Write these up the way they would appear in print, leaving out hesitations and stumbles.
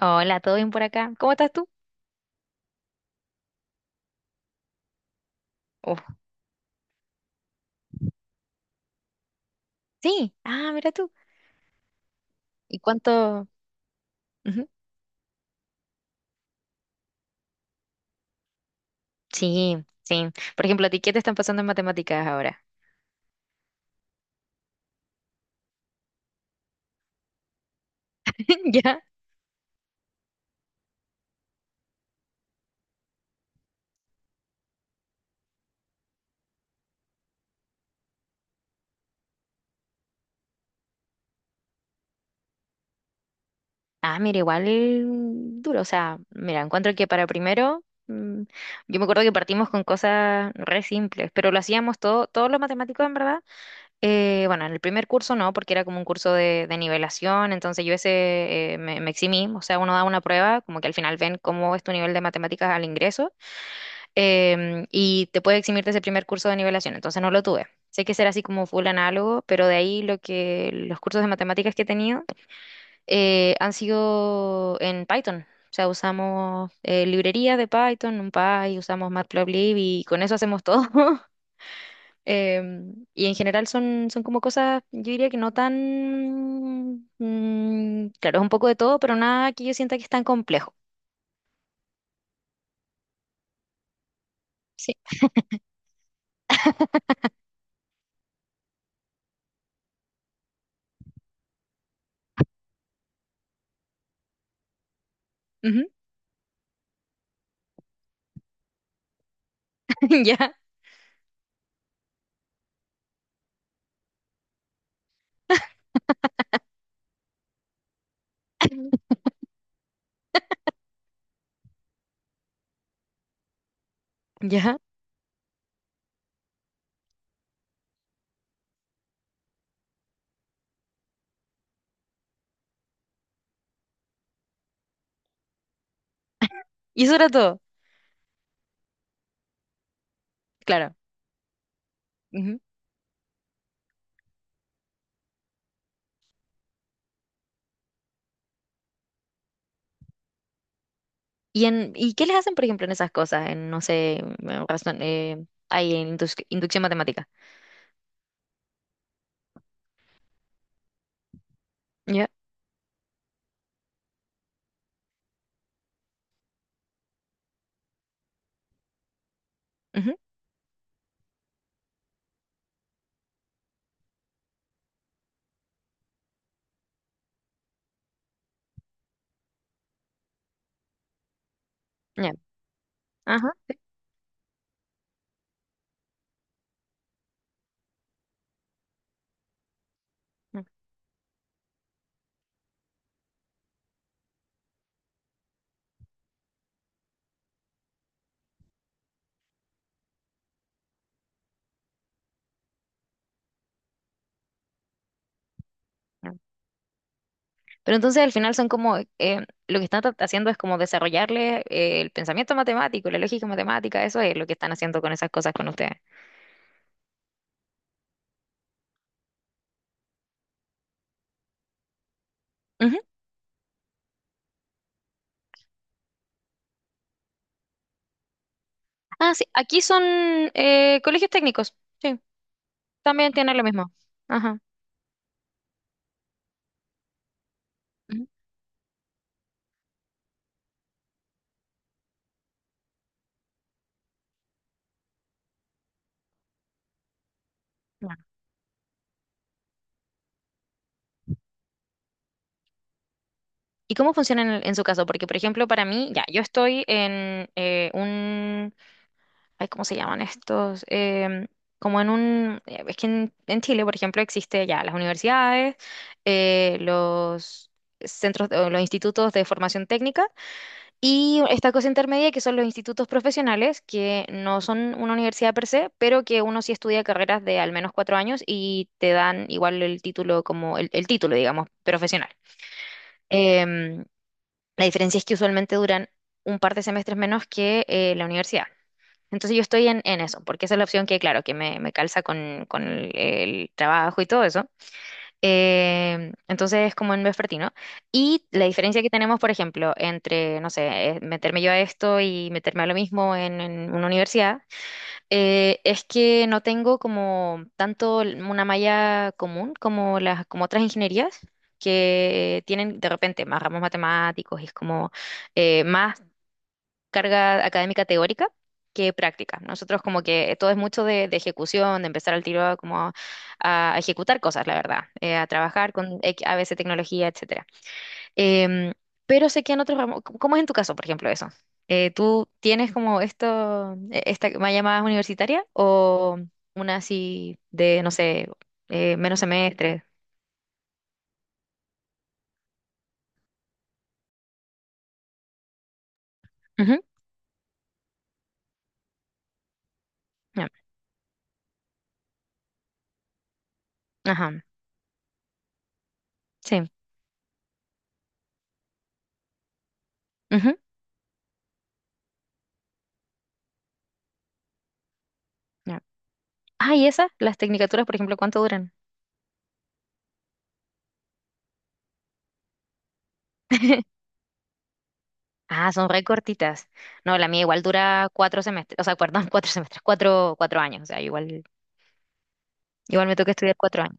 Hola, ¿todo bien por acá? ¿Cómo estás tú? Oh, sí, mira tú. ¿Y cuánto? Ujú. Sí, sí. Por ejemplo, ¿a ti qué te están pasando en matemáticas ahora? ¿Ya? Ah, mira, igual duro. O sea, mira, encuentro que para primero, yo me acuerdo que partimos con cosas re simples, pero lo hacíamos todo, todos los matemáticos en verdad. Bueno, en el primer curso no, porque era como un curso de nivelación, entonces yo ese me eximí. O sea, uno da una prueba, como que al final ven cómo es tu nivel de matemáticas al ingreso. Y te puede eximir de ese primer curso de nivelación, entonces no lo tuve. Sé que será así como full análogo, pero de ahí lo que los cursos de matemáticas que he tenido han sido en Python. O sea, usamos librerías de Python, NumPy, usamos Matplotlib y con eso hacemos todo. Y en general son como cosas, yo diría que no tan... claro, es un poco de todo, pero nada que yo sienta que es tan complejo. Sí. Ujú. Ya, ya. Y eso era todo. Claro. ¿Y qué les hacen, por ejemplo, en esas cosas? En, no sé, en razón, ahí en indus- inducción matemática. Ya, ujú, ya, ajá. Mm, ya. Pero entonces al final son como, lo que están haciendo es como desarrollarle el pensamiento matemático, la lógica matemática, eso es lo que están haciendo con esas cosas con ustedes. Ujú. Ah, sí, aquí son colegios técnicos, sí, también tienen lo mismo. Ajá. Ujú, ya. ¿Y cómo funciona en su caso? Porque, por ejemplo, para mí, ya, yo estoy en ay, ¿cómo se llaman estos? Como en un, es que en Chile, por ejemplo, existe ya las universidades, los centros, o los institutos de formación técnica y esta cosa intermedia que son los institutos profesionales, que no son una universidad per se, pero que uno sí estudia carreras de al menos cuatro años y te dan igual el título como el título, digamos, profesional. Em, la diferencia es que usualmente duran un par de semestres menos que la universidad. Entonces yo estoy en eso, porque esa es la opción que, claro, que me calza con el trabajo y todo eso. Entonces es como en vespertino. Y la diferencia que tenemos, por ejemplo, entre, no sé, meterme yo a esto y meterme a lo mismo en una universidad, es que no tengo como tanto una malla común como las, como otras ingenierías. Que tienen de repente más ramos matemáticos y es como más carga académica teórica que práctica. Nosotros como que todo es mucho de ejecución, de empezar al tiro a, como a ejecutar cosas, la verdad, a trabajar con a veces tecnología, etcétera. Em, pero sé que en otros ramos, ¿cómo es en tu caso, por ejemplo, eso? ¿Tú tienes como esto, esta más llamada universitaria o una así de, no sé, menos semestres? Ujú, ya. Ajá, sí. Ujú, ya. Ah, ¿y esas? Las tecnicaturas, por ejemplo, ¿cuánto duran? Ah, son re cortitas. No, la mía igual dura cuatro semestres, o sea, perdón, cuatro semestres, cuatro años. O sea, igual, igual me toca estudiar cuatro años.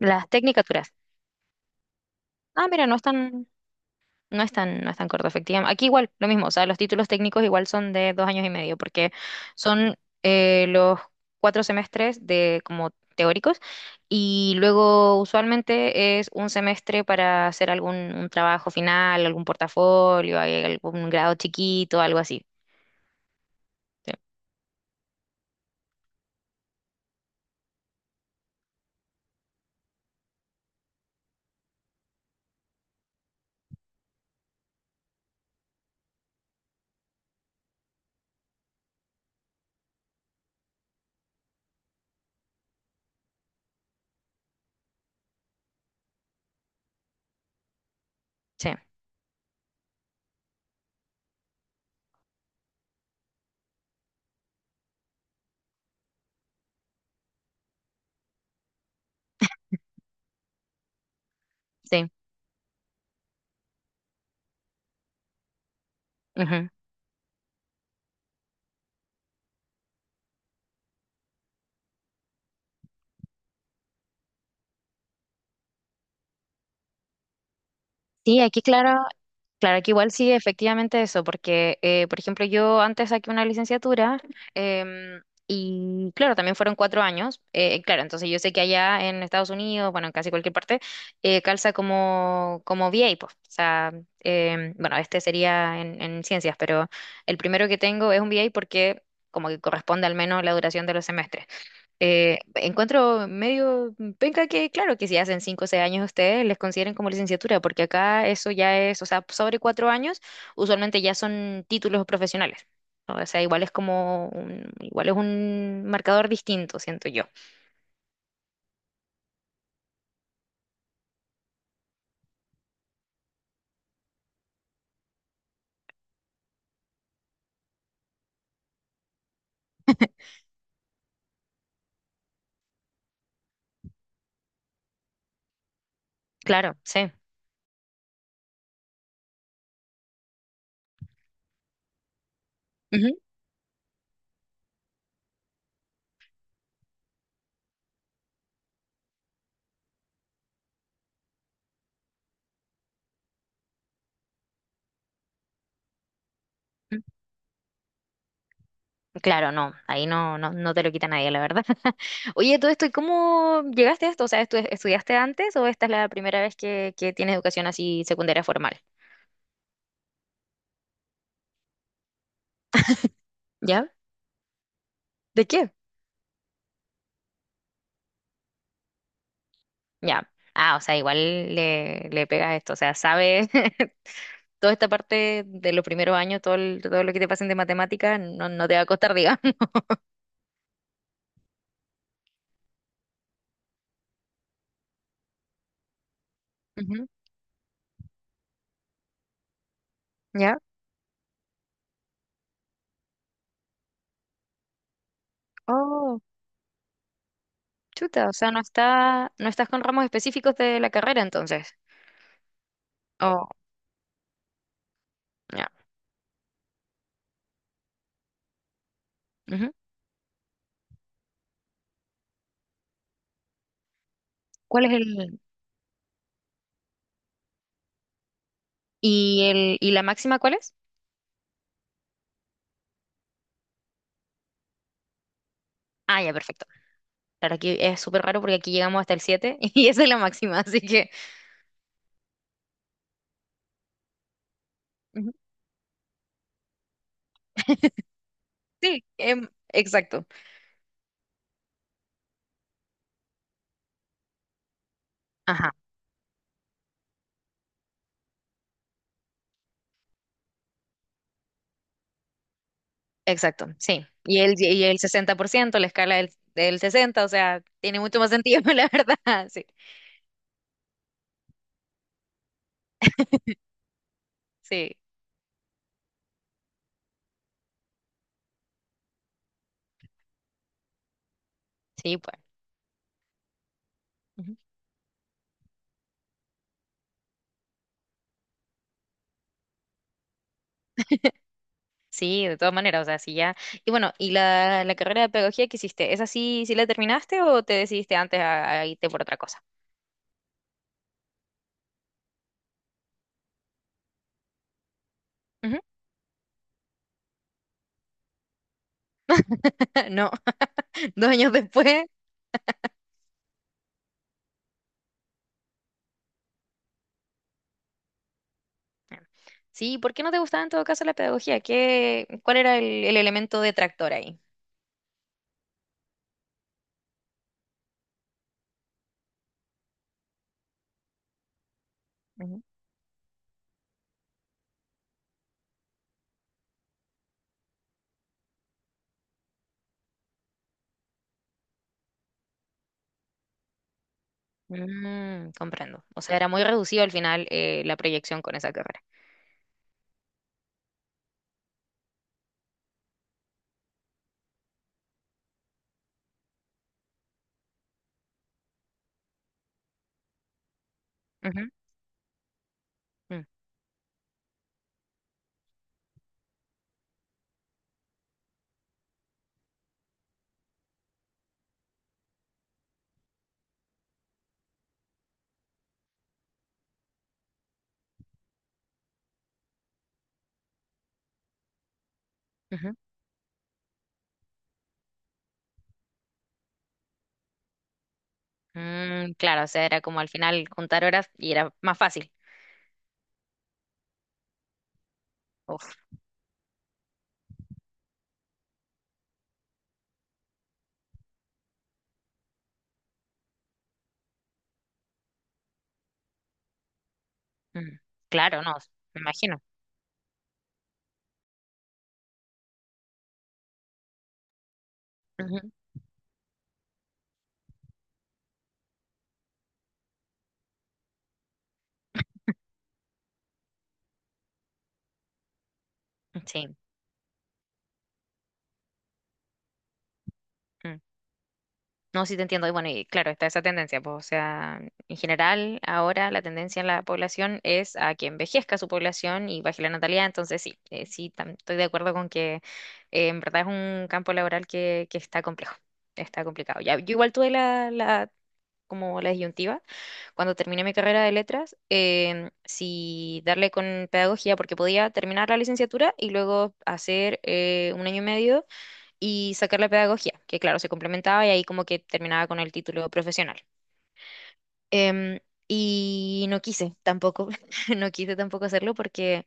Las tecnicaturas. Ah, mira, no es tan corto, efectivamente. Aquí igual, lo mismo, o sea, los títulos técnicos igual son de dos años y medio, porque son los cuatro semestres de como teóricos, y luego usualmente es un semestre para hacer algún un trabajo final, algún portafolio, hay algún grado chiquito, algo así. Sí, sí. Sí. Ujú. Sí, aquí claro, claro que igual sí, efectivamente eso, porque, por ejemplo, yo antes saqué una licenciatura em, y, claro, también fueron cuatro años. Claro, entonces yo sé que allá en Estados Unidos, bueno, en casi cualquier parte, calza como, como VA, pues. O sea, bueno, este sería en ciencias, pero el primero que tengo es un VA porque como que corresponde al menos la duración de los semestres. Encuentro medio penca que, claro, que si hacen cinco o seis años ustedes les consideren como licenciatura, porque acá eso ya es, o sea, sobre cuatro años, usualmente ya son títulos profesionales. ¿No? O sea, igual es un marcador distinto, siento yo. Claro, sí. Ujú. Claro, no, ahí no te lo quita nadie, la verdad. Oye, todo esto, ¿y cómo llegaste a esto? O sea, estudiaste antes o esta es la primera vez que tienes educación así secundaria formal? ¿Ya? ¿De qué? Ya. Ah, o sea, igual le pegas esto, o sea, sabe toda esta parte de los primeros años, todo, todo lo que te pasen de matemática, no, no te va a costar, digamos. Ujú, ¿ya? Oh, chuta, o sea, no está, no estás con ramos específicos de la carrera entonces. Oh, ya. Ujú. ¿Cuál es el, y la máxima cuál es? Ah, ya, perfecto. Claro, aquí es súper raro porque aquí llegamos hasta el 7 y esa es la máxima, así que ujú. Sí, exacto. Ajá. Exacto, sí. Y el 60%, la escala del 60, o sea, tiene mucho más sentido, la verdad. Sí, sí, sí, pues. Ujú. Sí, de todas maneras, o sea, sí ya. Y bueno, ¿y la carrera de pedagogía que hiciste? ¿Esa sí, sí la terminaste o te decidiste antes a irte por otra cosa? Ujú. No, dos años después. Sí, ¿por qué no te gustaba en todo caso la pedagogía? ¿Qué, cuál era el elemento detractor ahí? Ujú. Mm, comprendo. O sea, era muy reducido al final la proyección con esa carrera. Ujú, ujú. Mm, claro, o sea, era como al final juntar horas y era más fácil. Uf, mm, claro, no, me imagino. Ujú, sí. Mm. No, sí te entiendo. Y bueno, y claro, está esa tendencia, pues, o sea, en general, ahora la tendencia en la población es a que envejezca su población y baje la natalidad. Entonces, sí, sí, estoy de acuerdo con que en verdad es un campo laboral que está complejo, está complicado. Ya, yo igual tuve como la disyuntiva cuando terminé mi carrera de letras, si darle con pedagogía, porque podía terminar la licenciatura y luego hacer un año y medio y sacar la pedagogía, que claro, se complementaba y ahí como que terminaba con el título profesional. Em, y no quise tampoco, no quise tampoco hacerlo porque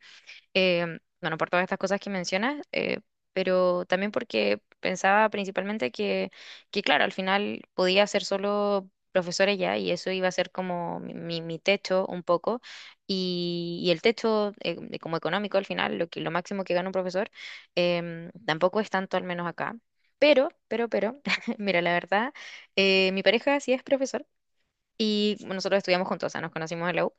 bueno, por todas estas cosas que mencionas, pero también porque pensaba principalmente que, claro, al final podía ser solo profesora ya y eso iba a ser como mi techo un poco y el techo de como económico al final, lo que, lo máximo que gana un profesor, tampoco es tanto al menos acá. Pero, mira, la verdad, mi pareja sí es profesor y nosotros estudiamos juntos, o sea, nos conocimos en la U.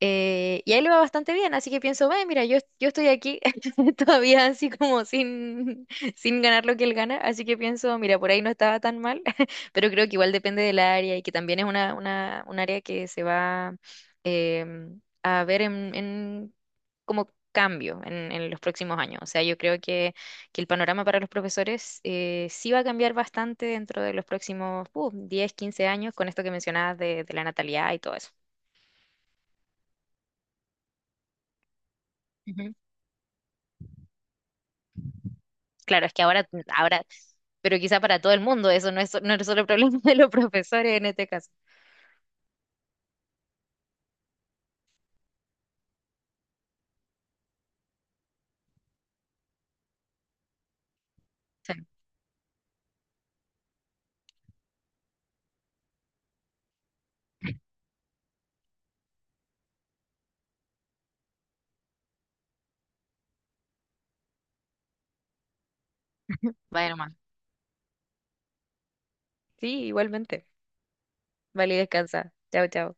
y ahí le va bastante bien, así que pienso, ve, mira, yo estoy aquí todavía así como sin, sin ganar lo que él gana, así que pienso, mira, por ahí no estaba tan mal, pero creo que igual depende del área y que también es un área que se va a ver en como cambio en los próximos años. O sea, yo creo que el panorama para los profesores sí va a cambiar bastante dentro de los próximos 10, 15 años con esto que mencionabas de la natalidad y todo eso. Ujú. Claro, es que ahora, ahora, pero quizá para todo el mundo, eso no es, no es solo problema de los profesores en este caso. Sí. Bueno, más. Sí, igualmente. Vale, descansa. Chao, chao.